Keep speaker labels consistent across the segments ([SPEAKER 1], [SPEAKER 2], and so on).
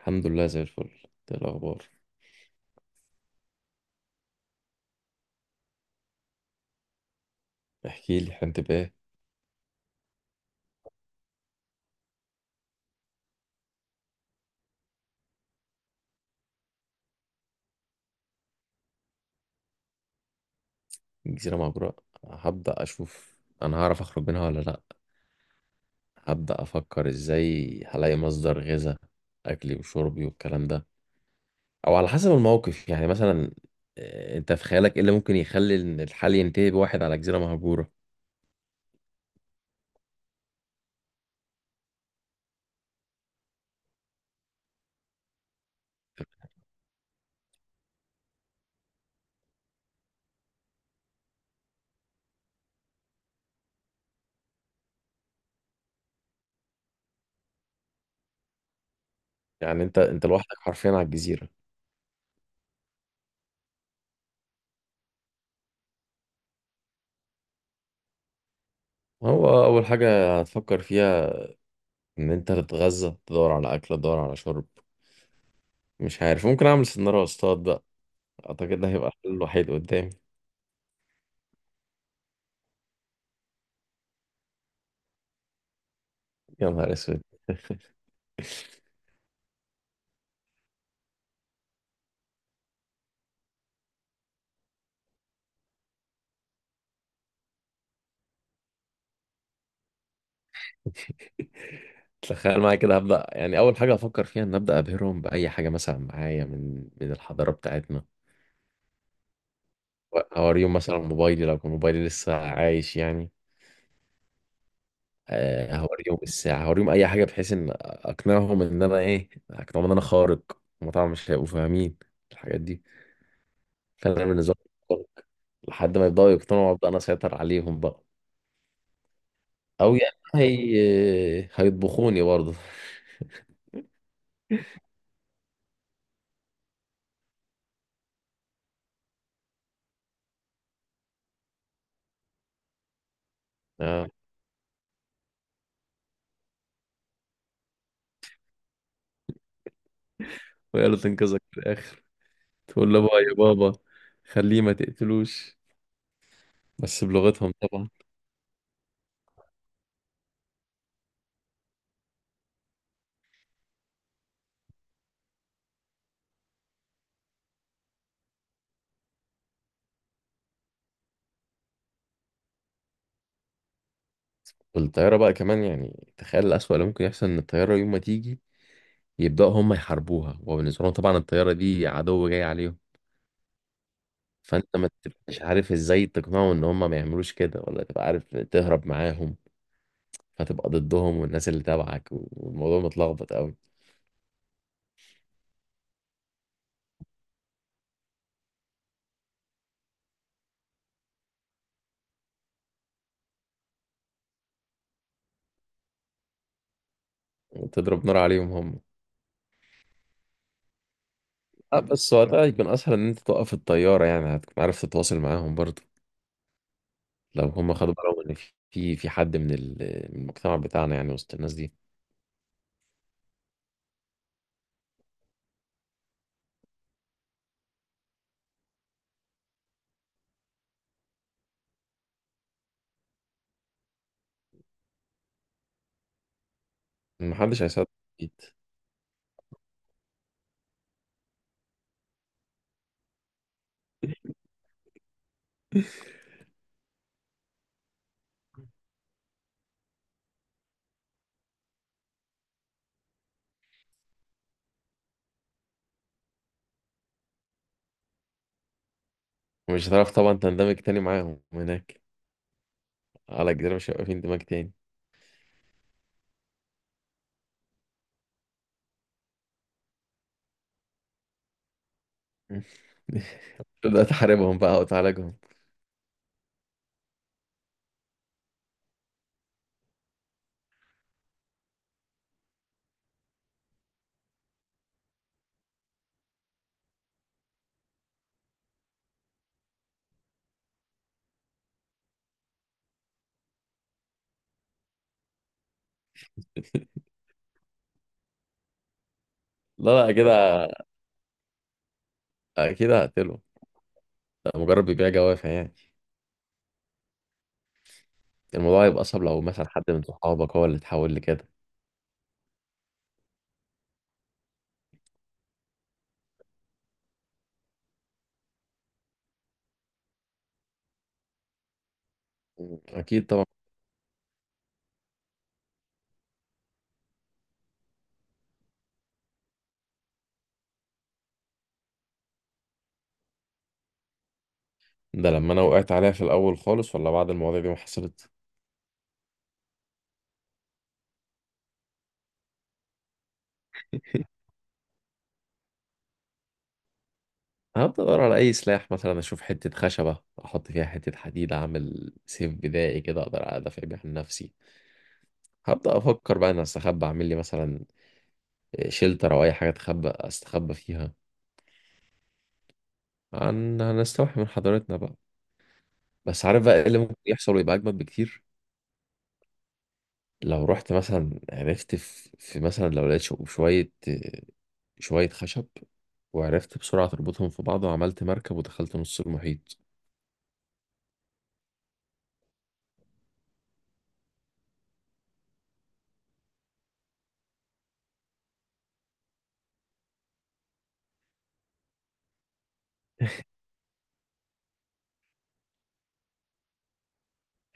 [SPEAKER 1] الحمد لله زي الفل. إيه الاخبار؟ احكي لي احنا بإيه. جزيره مبرأة؟ هبدا اشوف انا هعرف اخرج منها ولا لا. هبدا افكر ازاي هلاقي مصدر غذاء، اكلي وشربي والكلام ده. او على حسب الموقف، يعني مثلا انت في خيالك ايه اللي ممكن يخلي إن الحال ينتهي بواحد على جزيره مهجوره؟ يعني انت لوحدك حرفيا على الجزيره؟ هو اول حاجه هتفكر فيها ان انت تتغذى، تدور على اكل، تدور على شرب. مش عارف، ممكن اعمل سنارة واصطاد بقى. اعتقد ده هيبقى الحل الوحيد قدامي. يا نهار اسود! تخيل معايا كده، هبدأ يعني أول حاجة أفكر فيها إن أبدأ أبهرهم بأي حاجة مثلا معايا من الحضارة بتاعتنا. هوريهم مثلا موبايلي، لو كان موبايلي لسه عايش يعني. هوريهم الساعة، هوريهم أي حاجة بحيث إن أقنعهم إن أنا إيه، أقنعهم إن أنا خارق. هما طبعا مش هيبقوا فاهمين الحاجات دي، فأنا بالنسبة لي خارق. لحد ما يبدأوا يقتنعوا وأبدأ أنا أسيطر عليهم بقى. أو يعني هيطبخوني برضه. آه. ويقولوا تنقذك في الآخر، تقول له بقى يا بابا خليه ما تقتلوش، بس بلغتهم طبعا. والطيارة بقى كمان، يعني تخيل الأسوأ اللي ممكن يحصل، إن الطيارة يوم ما تيجي يبدأوا هم يحاربوها، وبالنسبة لهم طبعا الطيارة دي عدو جاي عليهم. فأنت ما تبقاش عارف إزاي تقنعهم إن هم ما يعملوش كده، ولا تبقى عارف تهرب معاهم، فتبقى ضدهم والناس اللي تبعك، والموضوع متلخبط قوي. وتضرب نار عليهم هم. أه، بس وقتها يكون أسهل إن أنت توقف الطيارة، يعني هتكون عارف تتواصل معاهم برضه لو هم خدوا بالهم ان في حد من من المجتمع بتاعنا يعني وسط الناس دي. محدش هيصدق اكيد. ومش هتعرف طبعا تندمج تاني معاهم هناك، على الجزيرة مش هيبقى في اندماج تاني. تبدأ تحاربهم بقى وتعالجهم. لا لا كده أكيد هقتله، ده مجرد بيبيع جوافع يعني. الموضوع هيبقى أصعب لو مثلا حد من صحابك هو اللي اتحول لكده. أكيد طبعا. ده لما أنا وقعت عليها في الأول خالص، ولا بعد المواضيع دي ما حصلت؟ هبدأ أدور على أي سلاح، مثلا أشوف حتة خشبة أحط فيها حتة حديد أعمل سيف بدائي كده أقدر أدافع بيه عن نفسي. هبدأ أفكر بقى أنا أستخبى، أعمل لي مثلا شيلتر أو أي حاجة أستخبى فيها، عن هنستوحي من حضارتنا بقى. بس عارف بقى إيه اللي ممكن يحصل ويبقى أجمد بكتير؟ لو رحت مثلا عرفت في, في مثلا لو لقيت شوية خشب وعرفت بسرعة تربطهم في بعض وعملت مركب ودخلت نص المحيط.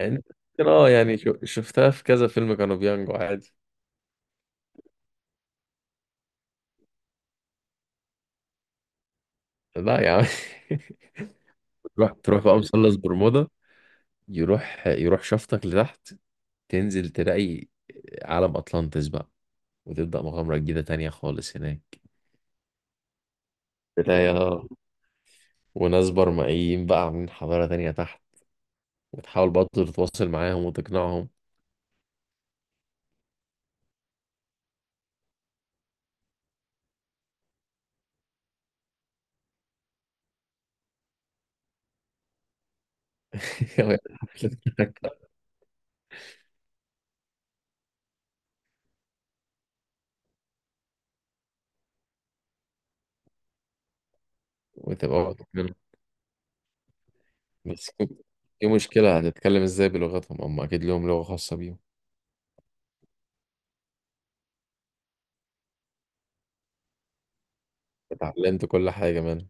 [SPEAKER 1] يعني ممكن اه، يعني شفتها في كذا فيلم كانوا بينجوا عادي. لا يا عم. تروح بقى مثلث برمودا، يروح شفطك لتحت، تنزل تلاقي عالم أطلانتس بقى، وتبدأ مغامرة جديدة تانية خالص هناك. تلاقي اه، وناس برمائيين بقى عاملين حضارة تانية تحت، وتحاول برضه تتواصل معاهم وتقنعهم. وتبقى واخد منهم. بس في مشكلة، هتتكلم ازاي بلغتهم؟ هم أكيد لهم لغة خاصة بيهم. اتعلمت كل حاجة منهم.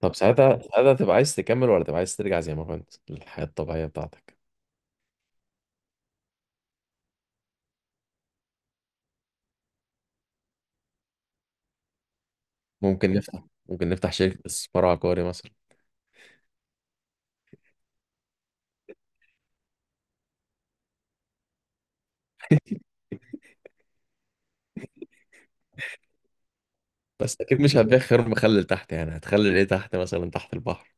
[SPEAKER 1] طب ساعتها تبقى عايز تكمل ولا تبقى عايز ترجع زي ما كنت للحياة الطبيعية بتاعتك؟ ممكن نفتح، شركة استثمار عقاري مثلا. بس أكيد مش هتبيع خيار مخلل تحت، يعني هتخلل إيه تحت، مثلا تحت البحر؟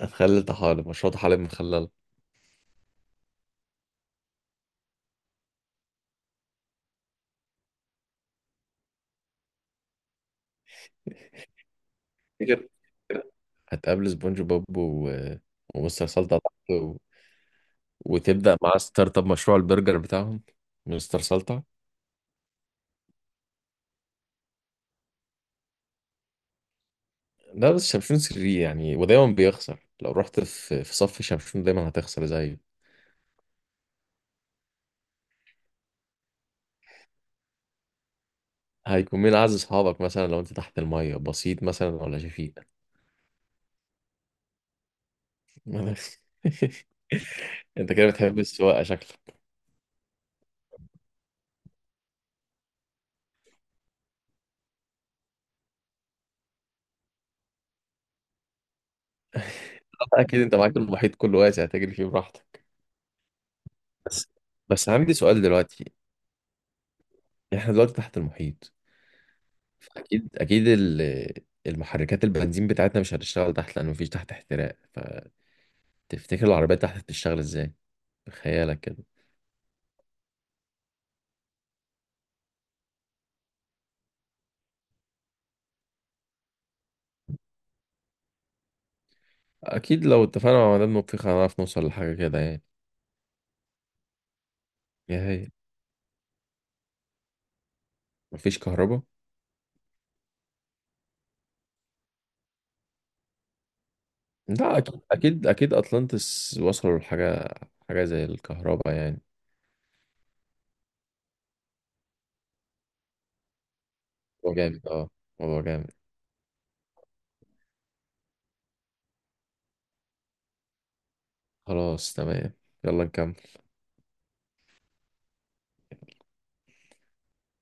[SPEAKER 1] هتخلل طحالب، مشروع طحالب مخلل. تفتكر هتقابل سبونج بوب ومستر سلطة تحت وتبدأ معاه ستارت اب مشروع البرجر بتاعهم، مستر سلطة؟ ده بس شمشون سري يعني، ودايما بيخسر. لو رحت في صف شمشون دايما هتخسر زيه. هيكون مين عايز أصحابك مثلا لو أنت تحت المية، بسيط مثلا ولا شفيق؟ انت كده بتحب السواقه شكلك. اكيد انت معاك المحيط كله واسع تجري فيه براحتك. بس، بس عندي سؤال دلوقتي، احنا دلوقتي تحت المحيط. اكيد المحركات البنزين بتاعتنا مش هتشتغل تحت، لان مفيش تحت احتراق. فتفتكر العربيات تحت هتشتغل ازاي بخيالك كده؟ اكيد لو اتفقنا مع مدام نطيخ هنعرف نوصل لحاجه كده يعني. يا هي، مفيش كهرباء؟ لا اكيد اكيد اطلانتس وصلوا لحاجه، حاجه زي الكهرباء يعني. هو جامد اه، هو جامد. خلاص تمام، يلا نكمل.